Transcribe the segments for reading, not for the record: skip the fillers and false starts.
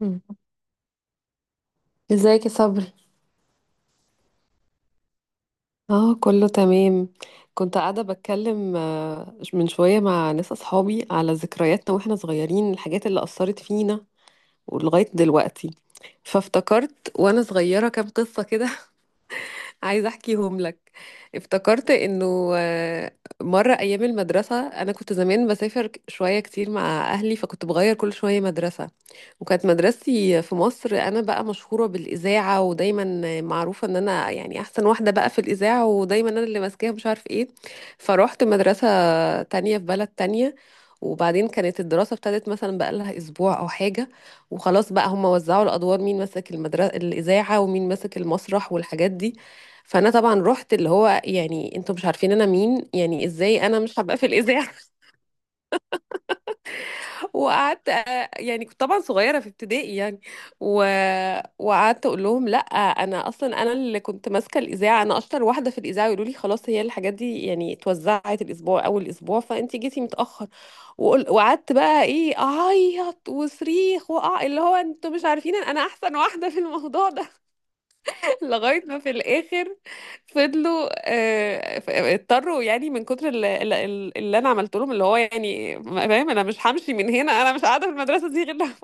مم. ازيك يا صبري؟ اه، كله تمام. كنت قاعدة بتكلم من شوية مع ناس أصحابي على ذكرياتنا واحنا صغيرين، الحاجات اللي أثرت فينا ولغاية دلوقتي. فافتكرت وانا صغيرة كام قصة كده. عايزة احكيهم لك. افتكرت انه مرة ايام المدرسة انا كنت زمان بسافر شوية كتير مع اهلي، فكنت بغير كل شوية مدرسة. وكانت مدرستي في مصر انا بقى مشهورة بالاذاعة، ودايما معروفة ان انا يعني احسن واحدة بقى في الاذاعة، ودايما انا اللي ماسكاها مش عارف ايه. فروحت مدرسة تانية في بلد تانية، وبعدين كانت الدراسة ابتدت مثلا بقالها أسبوع أو حاجة. وخلاص بقى هم وزعوا الأدوار، مين ماسك المدرسة الإذاعة ومين ماسك المسرح والحاجات دي. فانا طبعا رحت، اللي هو يعني انتوا مش عارفين انا مين، يعني ازاي انا مش هبقى في الاذاعه. وقعدت، يعني كنت طبعا صغيره في ابتدائي يعني. و... وقعدت اقول لهم لا، انا اصلا، انا اللي كنت ماسكه الاذاعه، انا اشطر واحده في الاذاعه. يقولوا لي خلاص، هي الحاجات دي يعني اتوزعت الاسبوع، اول اسبوع فانت جيتي متاخر. وقعدت بقى ايه اعيط وصريخ اللي هو انتوا مش عارفين انا احسن واحده في الموضوع ده. لغاية ما في الآخر فضلوا، اضطروا يعني من كتر اللي أنا عملت لهم، اللي هو يعني فاهم أنا مش همشي من هنا، أنا مش قاعدة في المدرسة دي غير لما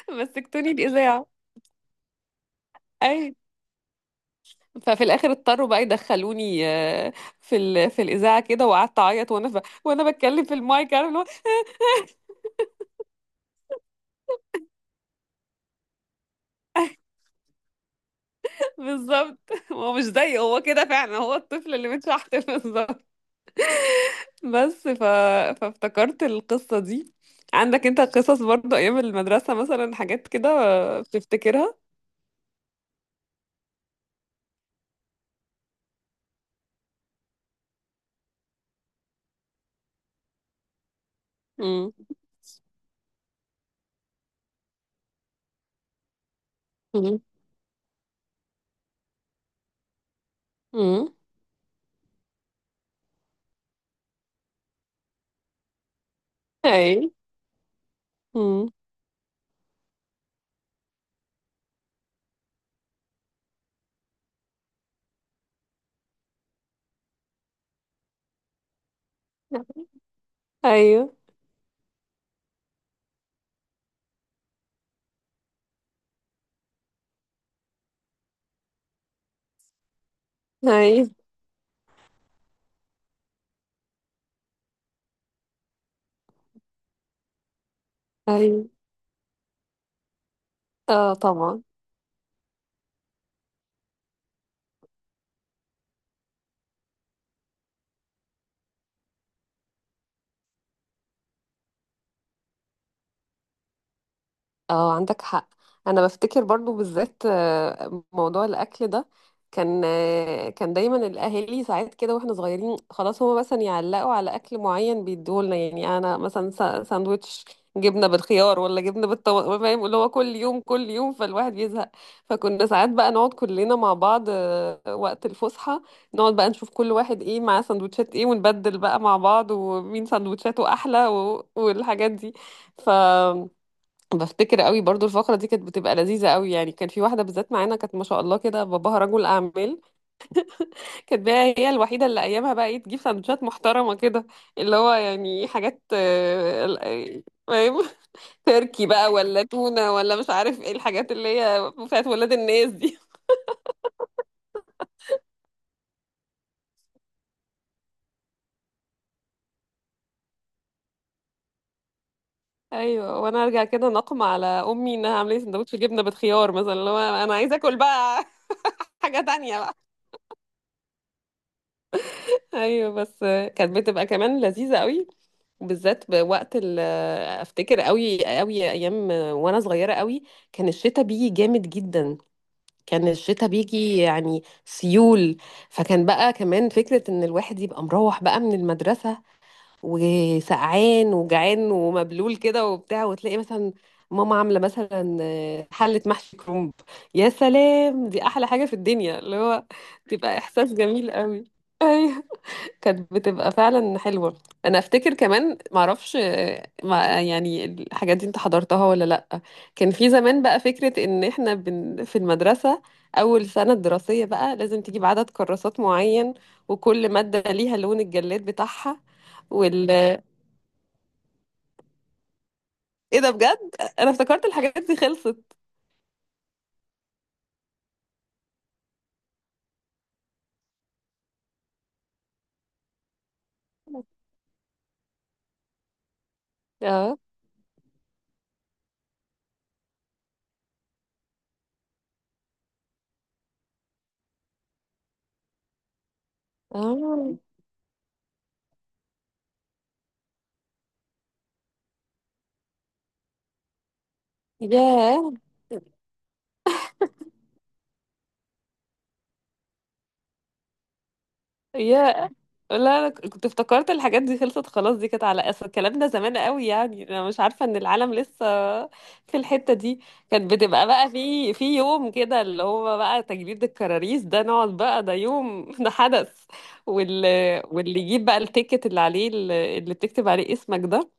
مسكتوني الإذاعة. أي. ففي الآخر اضطروا بقى يدخلوني في في الإذاعة كده، وقعدت أعيط وأنا وأنا بتكلم في المايك، عارف اللي هو. بالظبط. هو مش زيه، هو كده فعلا، هو الطفل اللي متشحت. بالظبط. بس فافتكرت القصة دي. عندك انت قصص برضو ايام المدرسة؟ مثلا حاجات كده بتفتكرها؟ امم. امم. امم. اي. امم. ايوه، ايوه، ايوه. اه، طبعا. اه، عندك حق. انا بفتكر برضو بالذات موضوع الاكل ده. كان دايما الاهالي ساعات كده، واحنا صغيرين خلاص، هما مثلا يعلقوا على اكل معين بيديهولنا، يعني انا مثلا ساندوتش جبنه بالخيار ولا جبنه بالطماطم، فاهم اللي هو كل يوم كل يوم، فالواحد بيزهق. فكنا ساعات بقى نقعد كلنا مع بعض وقت الفسحه، نقعد بقى نشوف كل واحد ايه معاه سندوتشات ايه، ونبدل بقى مع بعض، ومين سندوتشاته احلى والحاجات دي. ف بفتكر قوي برضو الفقرة دي كانت بتبقى لذيذة قوي، يعني كان في واحدة بالذات معانا كانت ما شاء الله كده، باباها رجل أعمال. كانت بقى هي الوحيدة اللي أيامها بقى إيه، تجيب سندوتشات محترمة كده، اللي هو يعني حاجات، فاهم، تركي بقى ولا تونة ولا مش عارف إيه الحاجات اللي هي بتاعت ولاد الناس دي. أيوة، وأنا أرجع كده نقم على أمي إنها عاملة لي سندوتش جبنة بالخيار مثلا، اللي هو أنا عايزة آكل بقى. حاجة تانية بقى. أيوة بس كانت بتبقى كمان لذيذة قوي، وبالذات بوقت افتكر قوي قوي ايام وانا صغيره قوي، كان الشتاء بيجي جامد جدا، كان الشتاء بيجي يعني سيول. فكان بقى كمان فكره ان الواحد يبقى مروح بقى من المدرسه وسقعان وجعان ومبلول كده وبتاع، وتلاقي مثلا ماما عامله مثلا حله محشي كرنب. يا سلام، دي احلى حاجه في الدنيا، اللي هو تبقى احساس جميل قوي. كانت بتبقى فعلا حلوة. انا افتكر كمان، معرفش، ما يعني الحاجات دي انت حضرتها ولا لا. كان في زمان بقى فكرة ان احنا بن في المدرسة اول سنة دراسية بقى لازم تجيب عدد كراسات معين، وكل مادة ليها لون الجلاد بتاعها وال ايه ده؟ بجد انا افتكرت الحاجات دي خلصت. اه، اه، ياه، يا، لا انا كنت افتكرت الحاجات دي خلصت خلاص، دي كانت على اصل الكلام ده زمان قوي، يعني انا مش عارفه ان العالم لسه في الحته دي. كانت بتبقى بقى في يوم كده اللي هو بقى تجديد الكراريس ده، نقعد بقى ده يوم. ده حدث، واللي يجيب بقى التيكت اللي عليه، اللي بتكتب عليه اسمك ده،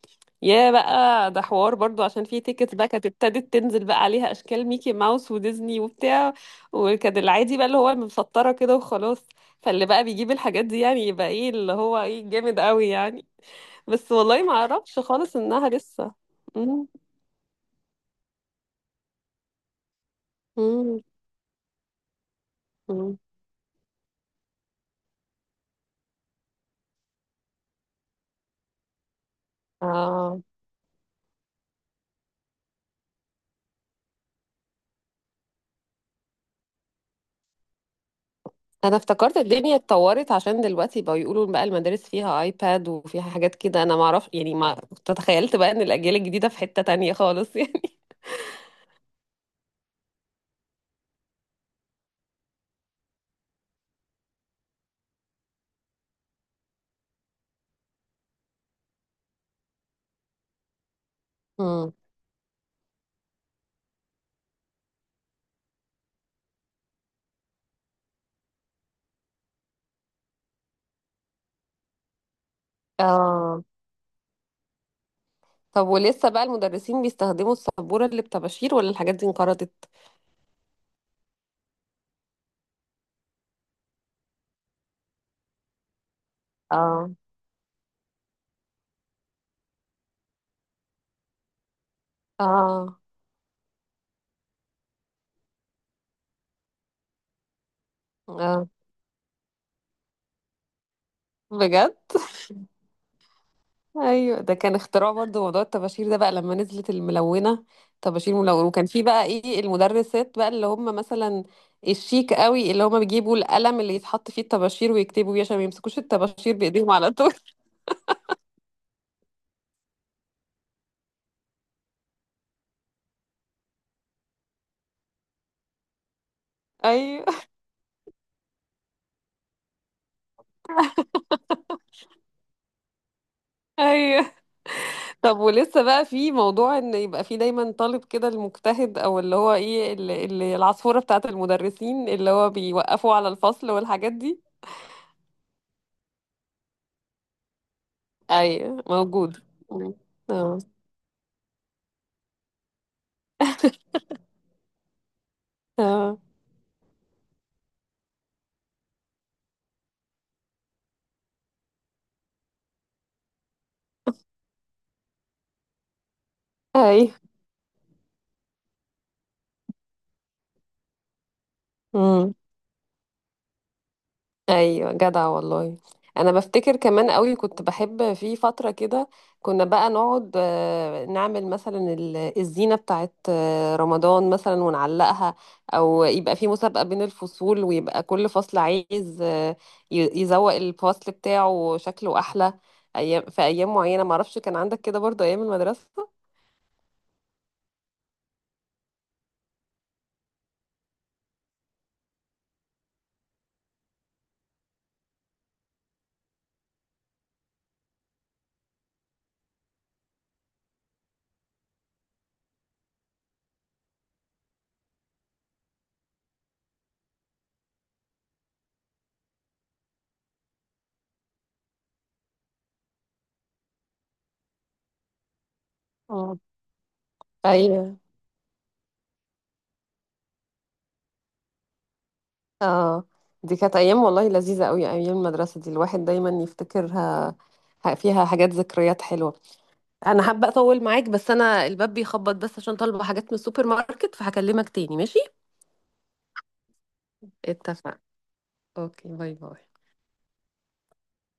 يا بقى ده حوار برضو، عشان في تيكت بقى كانت ابتدت تنزل بقى عليها اشكال ميكي ماوس وديزني وبتاع. وكان العادي بقى اللي هو المسطره كده وخلاص. فاللي بقى بيجيب الحاجات دي يعني يبقى ايه، اللي هو ايه جامد قوي يعني. بس والله ما اعرفش خالص انها لسه. مم. مم. مم. اه، انا افتكرت الدنيا اتطورت، عشان دلوقتي بقى يقولوا بقى المدارس فيها ايباد وفيها حاجات كده. انا ما اعرف يعني، ما كنت تخيلت بقى ان الاجيال الجديده في حته تانية خالص. يعني. مم. اه، طب ولسه بقى المدرسين بيستخدموا السبورة اللي بطباشير؟ ولا الحاجات دي انقرضت؟ اه، اه، اه، بجد. ايوه، ده كان اختراع برضو موضوع الطباشير ده بقى لما نزلت الملونة، طباشير ملونة. وكان في بقى ايه المدرسات بقى اللي هم مثلا الشيك قوي، اللي هم بيجيبوا القلم اللي يتحط فيه الطباشير ويكتبوا بيه عشان ما يمسكوش الطباشير بايديهم على طول. ايوه. ايوه، طب ولسه بقى في موضوع ان يبقى في دايما طالب كده المجتهد، او اللي هو ايه، اللي العصفورة بتاعت المدرسين اللي هو بيوقفوا على الفصل والحاجات دي؟ اي موجود. مم. اه، اه، اي، ايوه جدع والله. انا بفتكر كمان قوي، كنت بحب في فتره كده كنا بقى نقعد نعمل مثلا الزينه بتاعت رمضان مثلا ونعلقها، او يبقى في مسابقه بين الفصول ويبقى كل فصل عايز يزوق الفصل بتاعه شكله احلى، ايام، في ايام معينه، معرفش، كان عندك كده برضو ايام المدرسه؟ اه. ايوه. اه، دي كانت ايام والله لذيذه قوي، ايام المدرسه دي الواحد دايما يفتكرها، فيها حاجات ذكريات حلوه. انا حابه اطول معاك بس انا الباب بيخبط، بس عشان طالبه حاجات من السوبر ماركت، فهكلمك تاني، ماشي؟ اتفقنا. اوكي، باي باي.